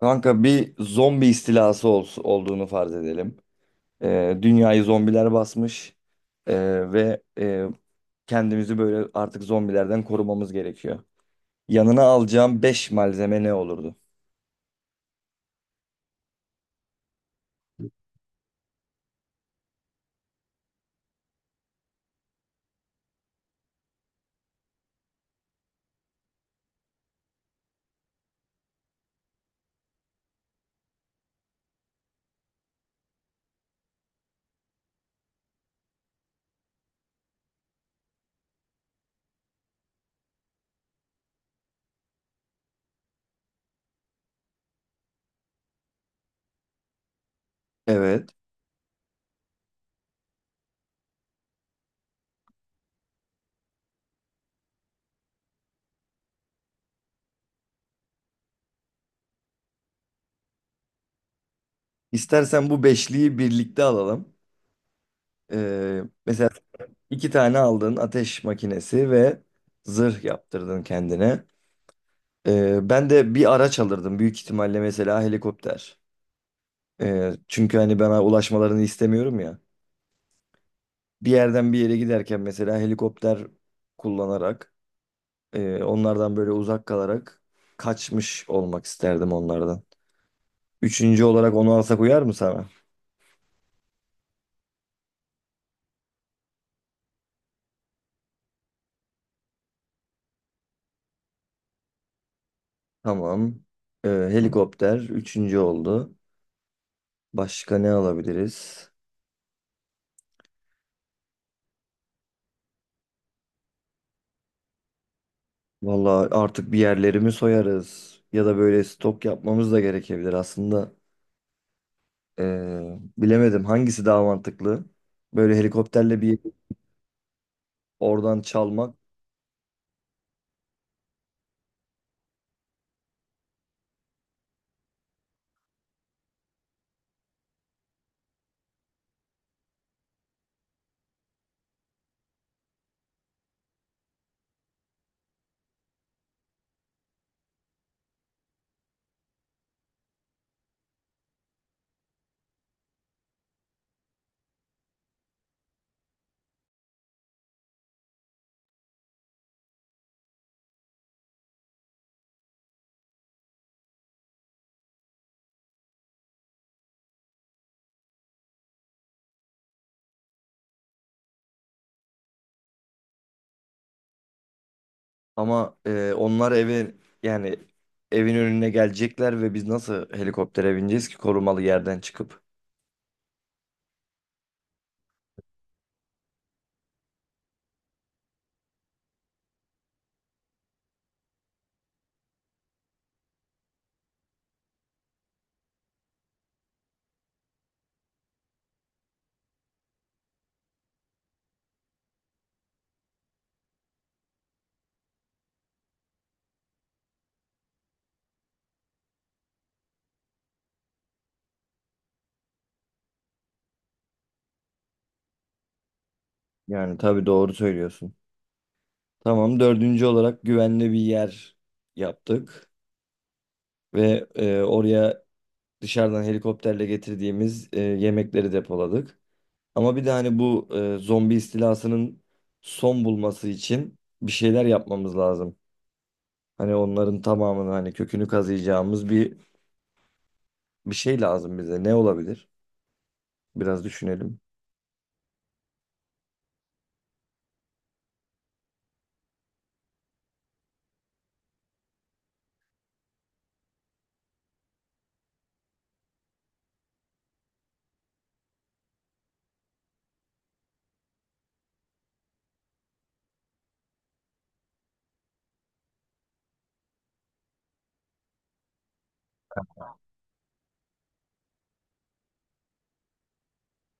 Kanka bir zombi istilası olduğunu farz edelim. Dünyayı zombiler basmış. Ve kendimizi böyle artık zombilerden korumamız gerekiyor. Yanına alacağım 5 malzeme ne olurdu? Evet. İstersen bu beşliyi birlikte alalım. Mesela iki tane aldın ateş makinesi ve zırh yaptırdın kendine. Ben de bir araç alırdım büyük ihtimalle, mesela helikopter. Çünkü hani ben ulaşmalarını istemiyorum ya. Bir yerden bir yere giderken mesela helikopter kullanarak onlardan böyle uzak kalarak kaçmış olmak isterdim onlardan. Üçüncü olarak onu alsak uyar mı sana? Tamam. Helikopter üçüncü oldu. Başka ne alabiliriz? Vallahi artık bir yerlerimi soyarız. Ya da böyle stok yapmamız da gerekebilir aslında. E, bilemedim hangisi daha mantıklı? Böyle helikopterle bir oradan çalmak. Ama onlar eve, yani evin önüne gelecekler ve biz nasıl helikoptere bineceğiz ki korumalı yerden çıkıp? Yani tabii doğru söylüyorsun. Tamam, dördüncü olarak güvenli bir yer yaptık ve oraya dışarıdan helikopterle getirdiğimiz yemekleri depoladık. Ama bir de hani bu zombi istilasının son bulması için bir şeyler yapmamız lazım. Hani onların tamamını, hani kökünü kazıyacağımız bir şey lazım bize. Ne olabilir? Biraz düşünelim.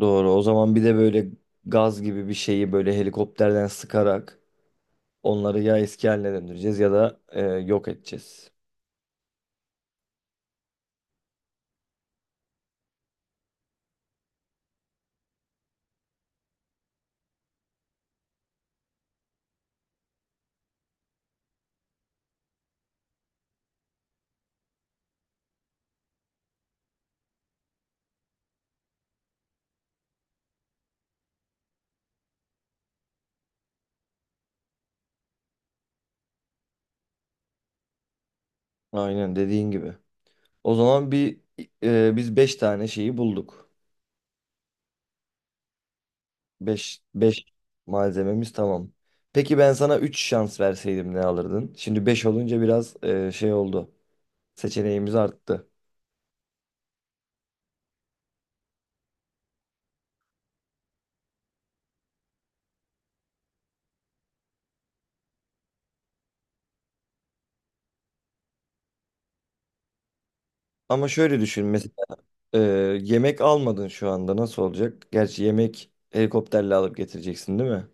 Doğru. O zaman bir de böyle gaz gibi bir şeyi böyle helikopterden sıkarak onları ya eski haline döndüreceğiz ya da yok edeceğiz. Aynen dediğin gibi. O zaman bir biz 5 tane şeyi bulduk. Beş malzememiz tamam. Peki ben sana 3 şans verseydim ne alırdın? Şimdi 5 olunca biraz şey oldu. Seçeneğimiz arttı. Ama şöyle düşün, mesela e, yemek almadın, şu anda nasıl olacak? Gerçi yemek helikopterle alıp getireceksin, değil mi?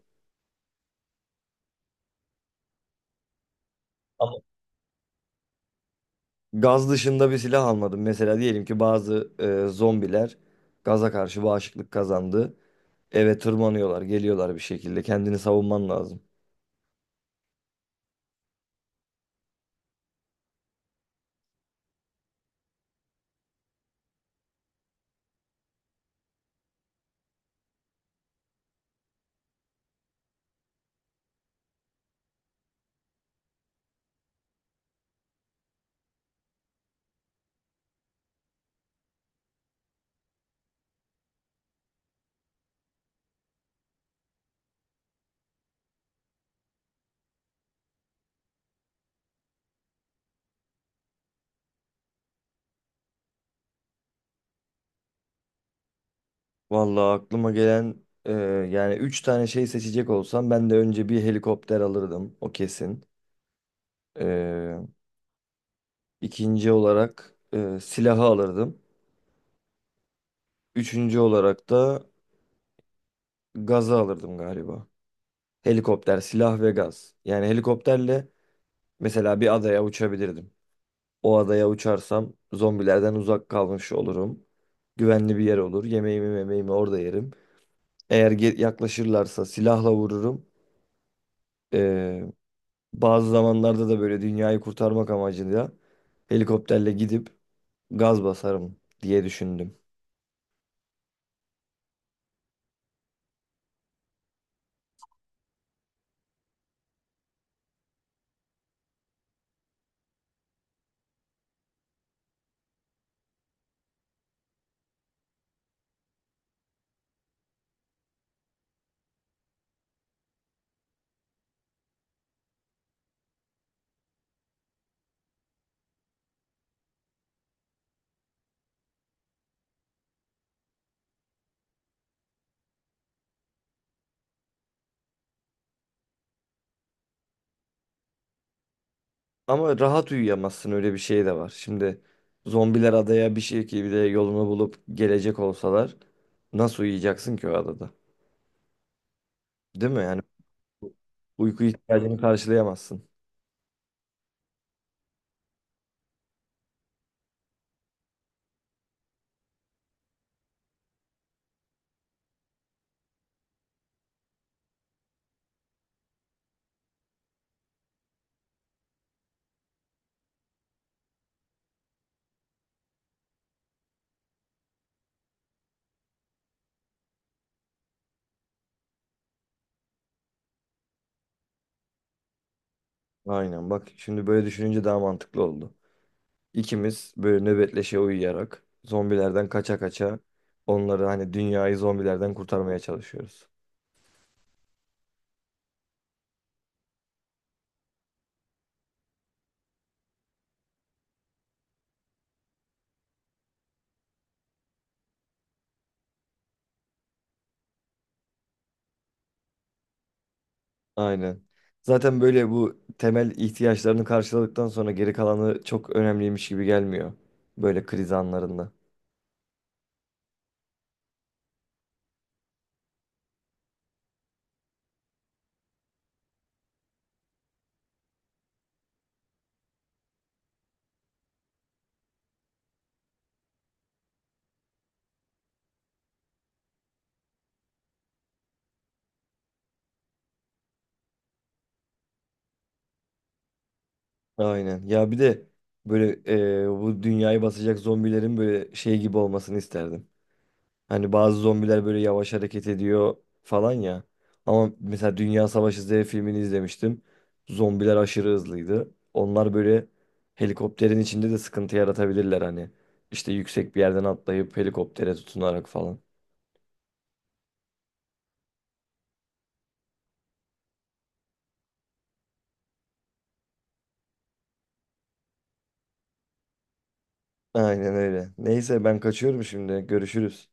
Gaz dışında bir silah almadım. Mesela diyelim ki bazı zombiler gaza karşı bağışıklık kazandı. Eve tırmanıyorlar, geliyorlar bir şekilde. Kendini savunman lazım. Vallahi aklıma gelen e, yani 3 tane şey seçecek olsam, ben de önce bir helikopter alırdım. O kesin. E, ikinci olarak silahı alırdım. Üçüncü olarak da gazı alırdım galiba. Helikopter, silah ve gaz. Yani helikopterle mesela bir adaya uçabilirdim. O adaya uçarsam zombilerden uzak kalmış olurum. Güvenli bir yer olur. Yemeğimi memeğimi orada yerim. Eğer yaklaşırlarsa silahla vururum. Ee, Bazı zamanlarda da böyle dünyayı kurtarmak amacıyla helikopterle gidip gaz basarım diye düşündüm. Ama rahat uyuyamazsın, öyle bir şey de var. Şimdi zombiler adaya bir şekilde yolunu bulup gelecek olsalar nasıl uyuyacaksın ki o adada? Değil mi? Yani uyku ihtiyacını karşılayamazsın. Aynen, bak şimdi böyle düşününce daha mantıklı oldu. İkimiz böyle nöbetleşe uyuyarak zombilerden kaça kaça onları, hani dünyayı zombilerden kurtarmaya çalışıyoruz. Aynen. Zaten böyle bu temel ihtiyaçlarını karşıladıktan sonra geri kalanı çok önemliymiş gibi gelmiyor. Böyle kriz anlarında. Aynen. Ya bir de böyle bu dünyayı basacak zombilerin böyle şey gibi olmasını isterdim. Hani bazı zombiler böyle yavaş hareket ediyor falan ya. Ama mesela Dünya Savaşı Z filmini izlemiştim. Zombiler aşırı hızlıydı. Onlar böyle helikopterin içinde de sıkıntı yaratabilirler hani. İşte yüksek bir yerden atlayıp helikoptere tutunarak falan. Aynen öyle. Neyse ben kaçıyorum şimdi. Görüşürüz.